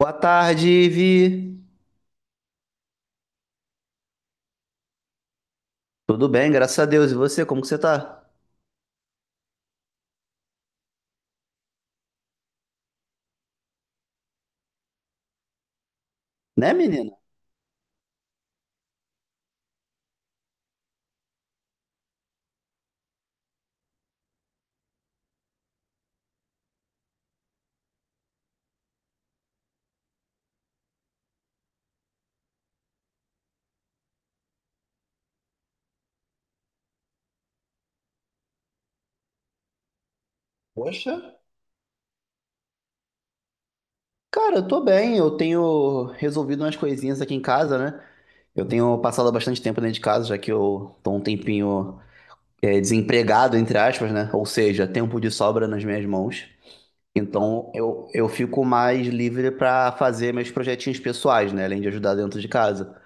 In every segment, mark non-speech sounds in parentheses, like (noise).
Boa tarde, Ivi. Tudo bem, graças a Deus. E você, como que você tá? Né, menina? Poxa. Cara, eu tô bem. Eu tenho resolvido umas coisinhas aqui em casa, né? Eu tenho passado bastante tempo dentro de casa, já que eu tô um tempinho desempregado, entre aspas, né? Ou seja, tempo de sobra nas minhas mãos. Então, eu fico mais livre pra fazer meus projetinhos pessoais, né? Além de ajudar dentro de casa.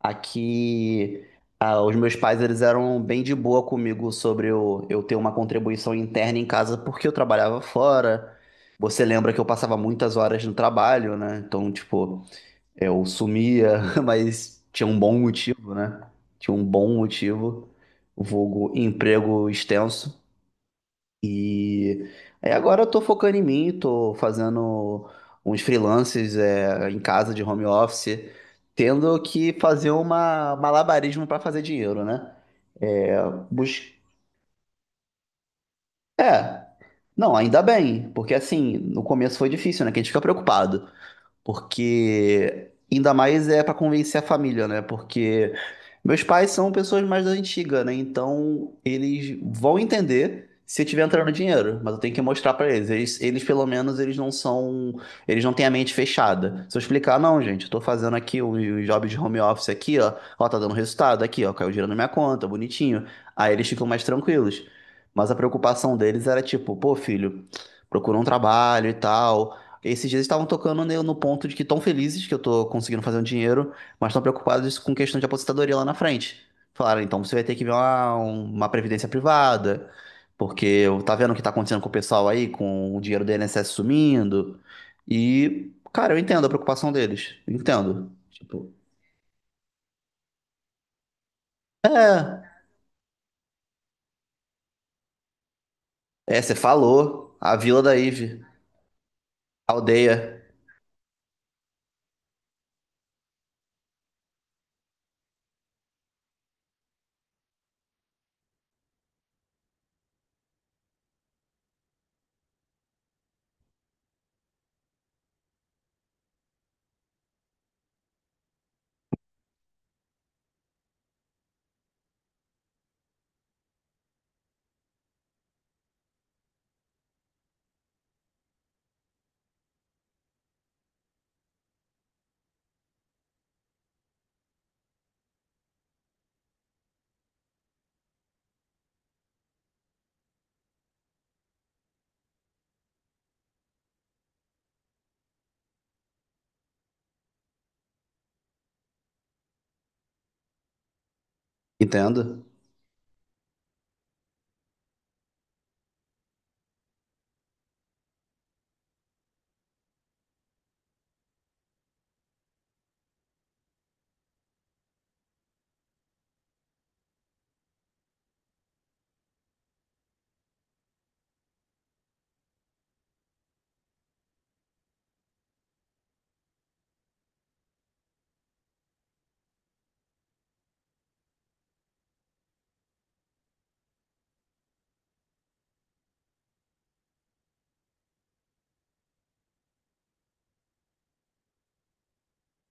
Aqui, os meus pais eles eram bem de boa comigo sobre eu ter uma contribuição interna em casa porque eu trabalhava fora. Você lembra que eu passava muitas horas no trabalho, né? Então, tipo, eu sumia, (laughs) mas tinha um bom motivo, né? Tinha um bom motivo, vulgo emprego extenso. E aí agora eu tô focando em mim, tô fazendo uns freelances em casa de home office, tendo que fazer uma malabarismo para fazer dinheiro, né? É, bus... é, não, ainda bem, porque assim, no começo foi difícil, né? Que a gente fica preocupado. Porque ainda mais é para convencer a família, né? Porque meus pais são pessoas mais da antiga, né? Então eles vão entender se eu tiver entrando dinheiro, mas eu tenho que mostrar para eles. Pelo menos eles não são, eles não têm a mente fechada. Se eu explicar, não, gente, eu tô fazendo aqui um job de home office aqui, ó, ó, tá dando resultado aqui, ó, caiu dinheiro na minha conta, bonitinho. Aí eles ficam mais tranquilos. Mas a preocupação deles era tipo, pô, filho, procura um trabalho e tal. Esses dias estavam tocando no ponto de que estão felizes que eu tô conseguindo fazer um dinheiro, mas estão preocupados com questão de aposentadoria lá na frente. Falaram, então você vai ter que ver uma previdência privada, porque tá vendo o que tá acontecendo com o pessoal aí, com o dinheiro do INSS sumindo. E, cara, eu entendo a preocupação deles. Eu entendo. Tipo, é, você falou, a Vila da Ive, a aldeia, entendo.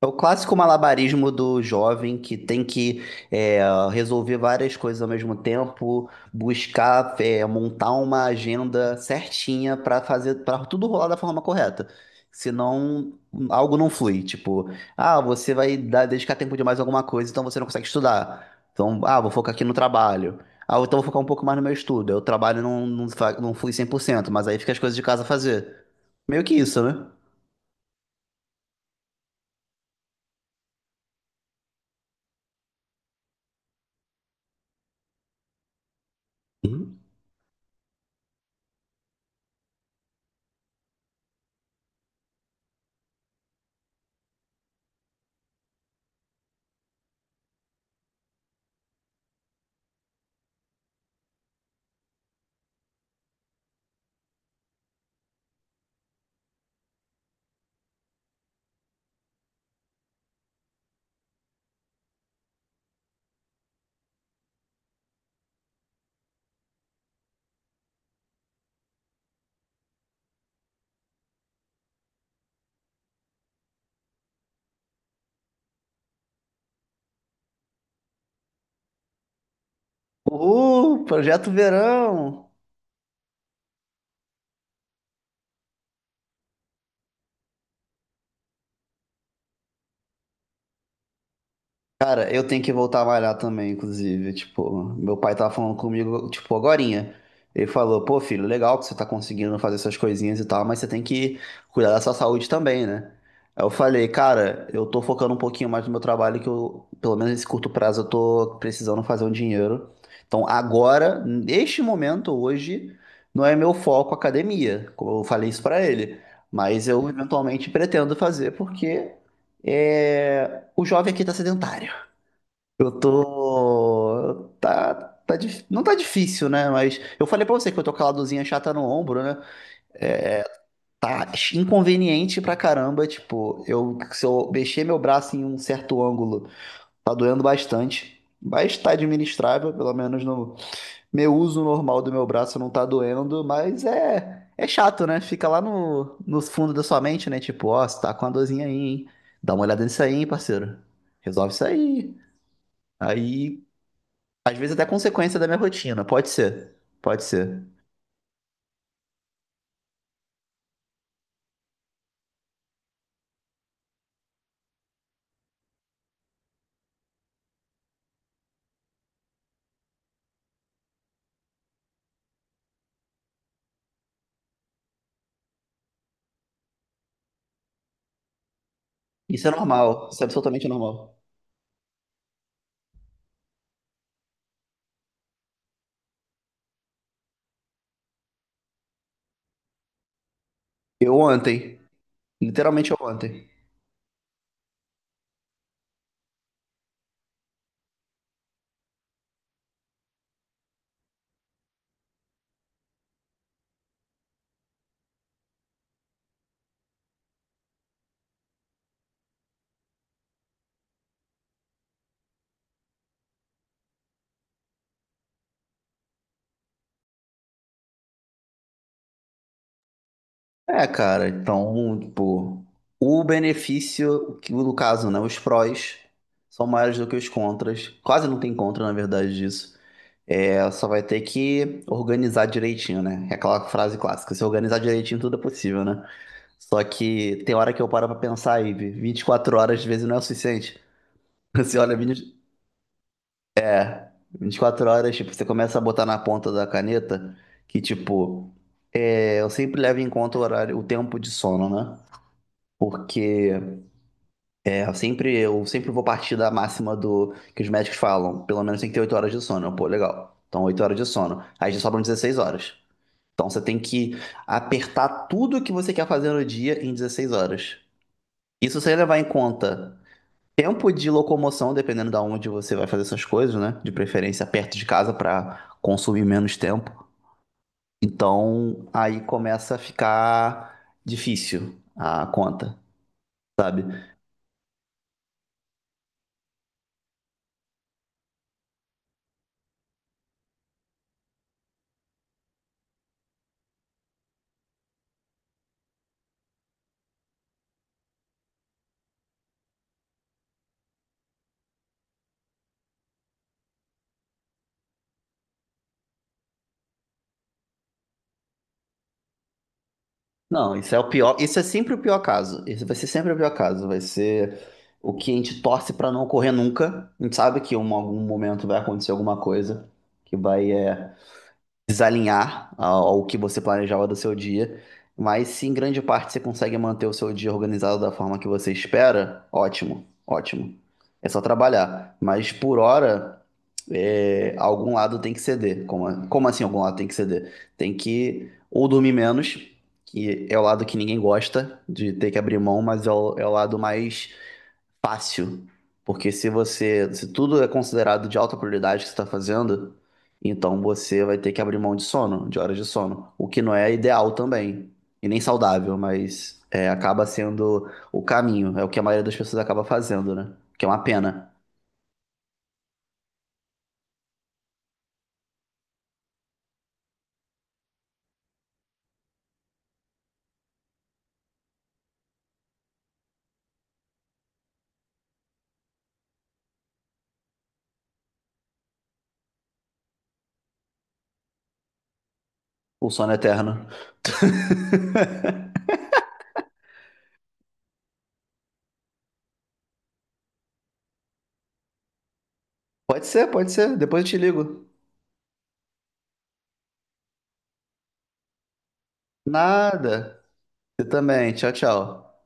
É o clássico malabarismo do jovem que tem que é, resolver várias coisas ao mesmo tempo, buscar montar uma agenda certinha para fazer para tudo rolar da forma correta. Senão algo não flui. Tipo, ah, você dedicar tempo demais a alguma coisa, então você não consegue estudar. Então, ah, vou focar aqui no trabalho. Ah, então vou focar um pouco mais no meu estudo. Aí o trabalho não flui 100%, mas aí fica as coisas de casa a fazer. Meio que isso, né? Uhul, projeto verão! Cara, eu tenho que voltar a malhar também, inclusive. Tipo, meu pai tava falando comigo, tipo, agorinha. Ele falou, pô, filho, legal que você tá conseguindo fazer essas coisinhas e tal, mas você tem que cuidar da sua saúde também, né? Aí eu falei, cara, eu tô focando um pouquinho mais no meu trabalho, que eu, pelo menos nesse curto prazo, eu tô precisando fazer um dinheiro. Então, agora, neste momento, hoje, não é meu foco academia, como eu falei isso pra ele. Mas eu eventualmente pretendo fazer, porque o jovem aqui tá sedentário. Eu tô. Não tá difícil, né? Mas eu falei pra você que eu tô com a ladozinha chata no ombro, né? É, tá inconveniente pra caramba. Tipo, eu, se eu mexer meu braço em um certo ângulo, tá doendo bastante. Mas tá administrável, pelo menos no meu uso normal do meu braço não tá doendo. Mas é, é chato, né? Fica lá no fundo da sua mente, né? Tipo, ó, você tá com a dorzinha aí, hein? Dá uma olhada nisso aí, hein, parceiro. Resolve isso aí. Aí às vezes até consequência da minha rotina. Pode ser. Pode ser. Isso é normal. Isso é absolutamente normal. Eu ontem. Literalmente eu ontem. É, cara, então, tipo, o benefício, que no caso, né, os prós são maiores do que os contras. Quase não tem contra, na verdade, disso. É, só vai ter que organizar direitinho, né? É aquela frase clássica, se organizar direitinho tudo é possível, né? Só que tem hora que eu paro pra pensar aí, 24 horas às vezes não é o suficiente. (laughs) Você olha, 24 horas, tipo, você começa a botar na ponta da caneta que, tipo, eu sempre levo em conta o horário, o tempo de sono, né? Porque eu sempre vou partir da máxima do que os médicos falam, pelo menos tem que ter 8 horas de sono. Eu, pô, legal. Então, 8 horas de sono. Aí já sobram 16 horas. Então, você tem que apertar tudo que você quer fazer no dia em 16 horas. Isso sem levar em conta tempo de locomoção, dependendo da onde você vai fazer essas coisas, né? De preferência perto de casa para consumir menos tempo. Então, aí começa a ficar difícil a conta, sabe? Não, isso é o pior, isso é sempre o pior caso. Isso vai ser sempre o pior caso, vai ser o que a gente torce pra não ocorrer nunca. A gente sabe que em algum momento vai acontecer alguma coisa que vai desalinhar ao que você planejava do seu dia, mas se em grande parte você consegue manter o seu dia organizado da forma que você espera, ótimo, ótimo. É só trabalhar. Mas por hora, algum lado tem que ceder. Como, como assim algum lado tem que ceder? Tem que ou dormir menos, que é o lado que ninguém gosta de ter que abrir mão, mas é o lado mais fácil. Porque se você, se tudo é considerado de alta prioridade que você está fazendo, então você vai ter que abrir mão de sono, de horas de sono, o que não é ideal também, e nem saudável, mas é, acaba sendo o caminho, é o que a maioria das pessoas acaba fazendo, né? Que é uma pena. O sono é eterno. (laughs) Pode ser, pode ser. Depois eu te ligo. Nada. Você também. Tchau, tchau.